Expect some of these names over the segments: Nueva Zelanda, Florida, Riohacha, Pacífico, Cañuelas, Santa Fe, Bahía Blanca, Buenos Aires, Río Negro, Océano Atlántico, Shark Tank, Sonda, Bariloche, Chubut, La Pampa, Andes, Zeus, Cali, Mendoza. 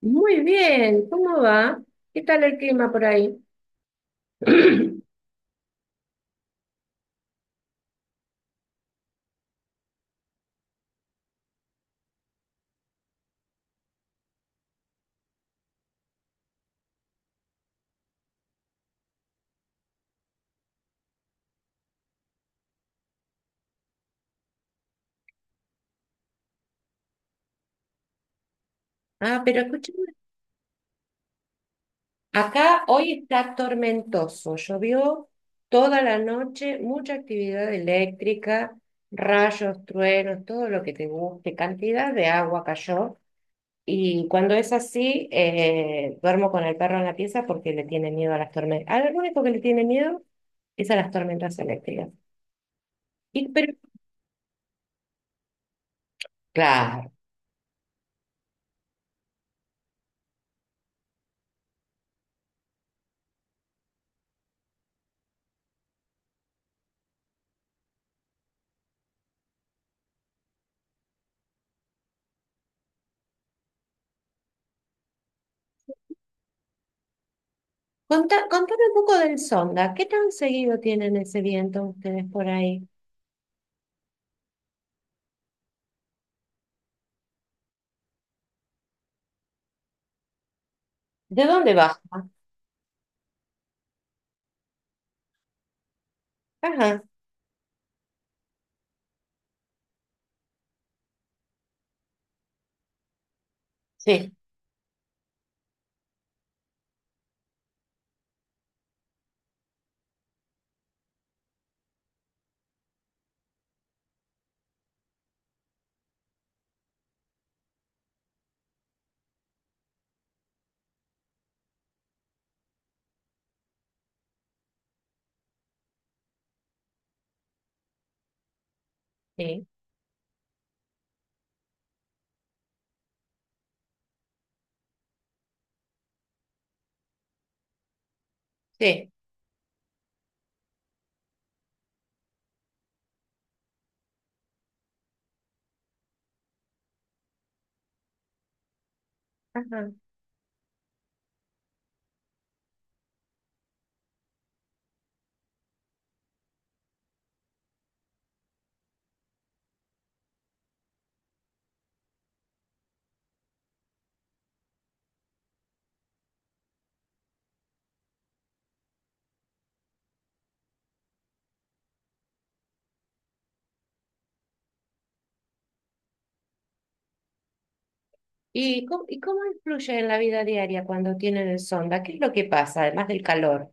Muy bien, ¿cómo va? ¿Qué tal el clima por ahí? Ah, pero escúchame, acá hoy está tormentoso, llovió toda la noche, mucha actividad eléctrica, rayos, truenos, todo lo que te guste, cantidad de agua cayó. Y cuando es así, duermo con el perro en la pieza porque le tiene miedo a las tormentas. Al único que le tiene miedo es a las tormentas eléctricas. Y, pero, claro. Contame un poco del Sonda. ¿Qué tan seguido tienen ese viento ustedes por ahí? ¿De dónde baja? Ajá. Sí, sí, sí. Ajá. Y cómo influye en la vida diaria cuando tienen el Sonda? ¿Qué es lo que pasa, además del calor?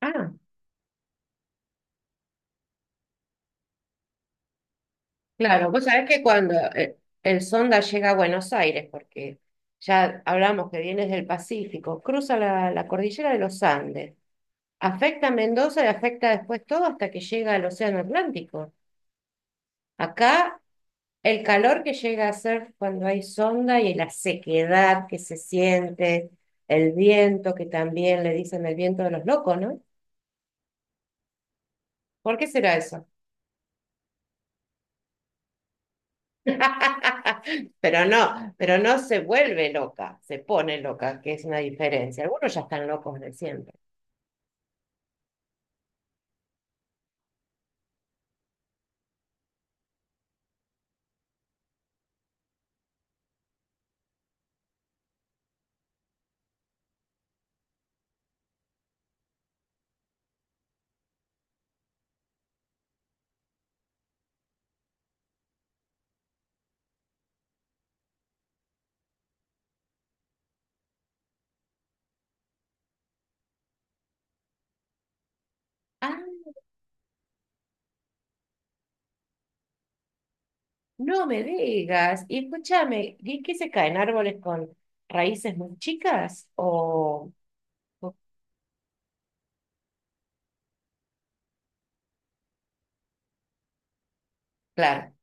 Ah, claro. Vos sabés que cuando el Sonda llega a Buenos Aires, porque ya hablamos que viene del Pacífico, cruza la cordillera de los Andes, afecta a Mendoza y afecta después todo hasta que llega al Océano Atlántico. Acá el calor que llega a ser cuando hay sonda y la sequedad que se siente, el viento que también le dicen el viento de los locos, ¿no? ¿Por qué será eso? Pero no se vuelve loca, se pone loca, que es una diferencia. Algunos ya están locos de siempre. Ah, no me digas. Y escúchame, ¿y qué se caen árboles con raíces muy chicas? O- claro.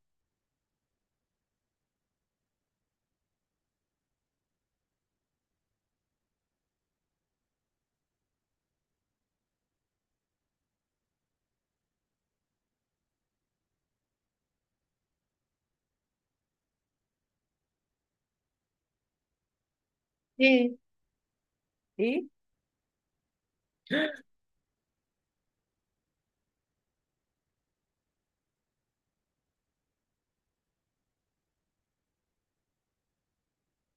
Sí, sí.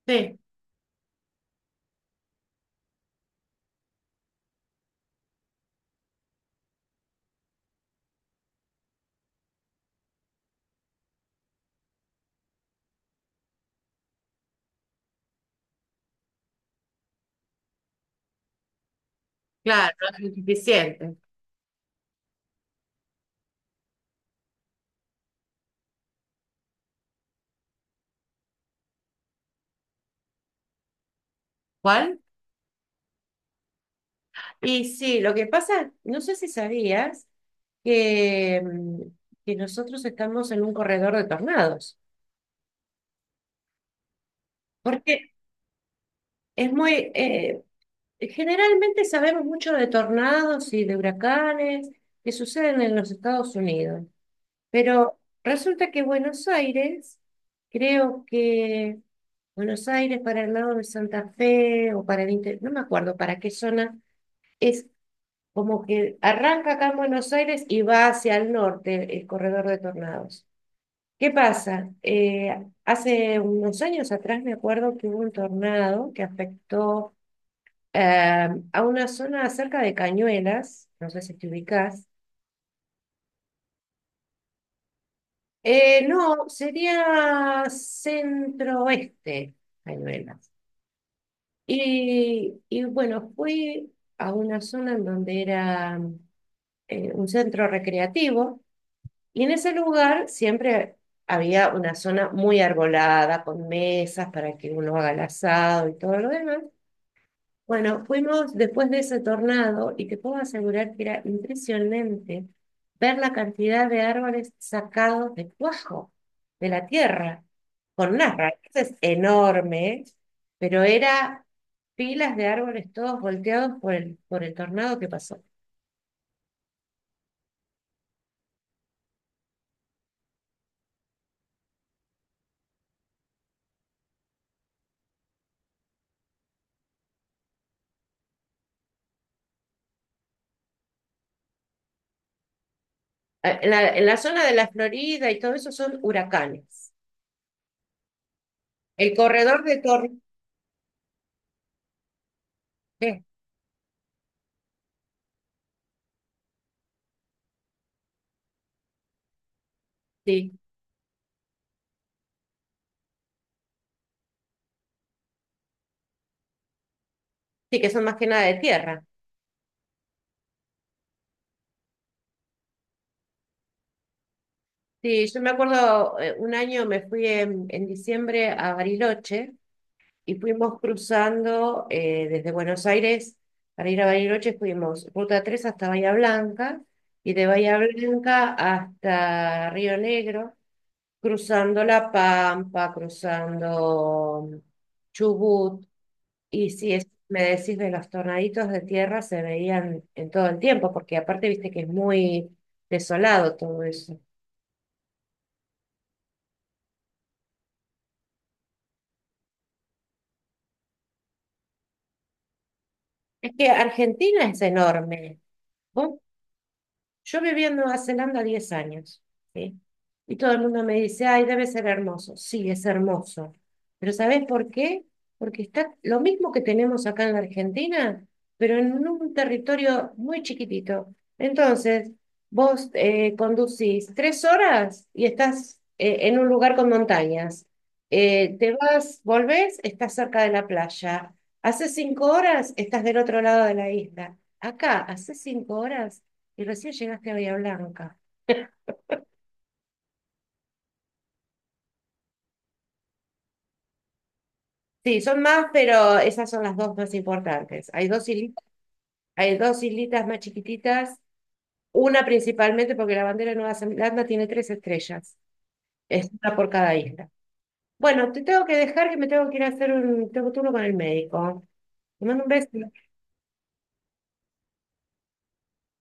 Sí. Claro, no es suficiente. ¿Cuál? Y sí, lo que pasa, no sé si sabías que, que nosotros estamos en un corredor de tornados, porque es muy, generalmente sabemos mucho de tornados y de huracanes que suceden en los Estados Unidos, pero resulta que Buenos Aires, creo que Buenos Aires para el lado de Santa Fe o para el interior, no me acuerdo para qué zona es como que arranca acá en Buenos Aires y va hacia el norte el corredor de tornados. ¿Qué pasa? Hace unos años atrás me acuerdo que hubo un tornado que afectó a una zona cerca de Cañuelas, no sé si te ubicás. No, sería centro-oeste, Cañuelas. Y bueno, fui a una zona en donde era un centro recreativo. Y en ese lugar siempre había una zona muy arbolada, con mesas para que uno haga el asado y todo lo demás. Bueno, fuimos después de ese tornado y te puedo asegurar que era impresionante ver la cantidad de árboles sacados de cuajo, de la tierra, con unas raíces enormes, pero era pilas de árboles todos volteados por el tornado que pasó. En la zona de la Florida y todo eso son huracanes. El corredor de Torres, eh, sí, sí, que son más que nada de tierra. Sí, yo me acuerdo, un año me fui en diciembre a Bariloche y fuimos cruzando desde Buenos Aires para ir a Bariloche, fuimos Ruta 3 hasta Bahía Blanca y de Bahía Blanca hasta Río Negro, cruzando La Pampa, cruzando Chubut. Y si es, me decís de los tornaditos de tierra, se veían en todo el tiempo, porque aparte viste que es muy desolado todo eso. Es que Argentina es enorme. Vos Yo viví en Nueva Zelanda 10 años, ¿sí? Y todo el mundo me dice, ay, debe ser hermoso. Sí, es hermoso. Pero ¿sabés por qué? Porque está lo mismo que tenemos acá en la Argentina, pero en un territorio muy chiquitito. Entonces, vos conducís 3 horas y estás en un lugar con montañas. Te vas, volvés, estás cerca de la playa. Hace 5 horas estás del otro lado de la isla. Acá, hace 5 horas y recién llegaste a Bahía Blanca. Sí, son más, pero esas son las dos más importantes. Hay dos islitas más chiquititas, una principalmente porque la bandera de Nueva Zelanda tiene tres estrellas, es una por cada isla. Bueno, te tengo que dejar que me tengo que ir a hacer un tengo turno con el médico. Te mando un beso.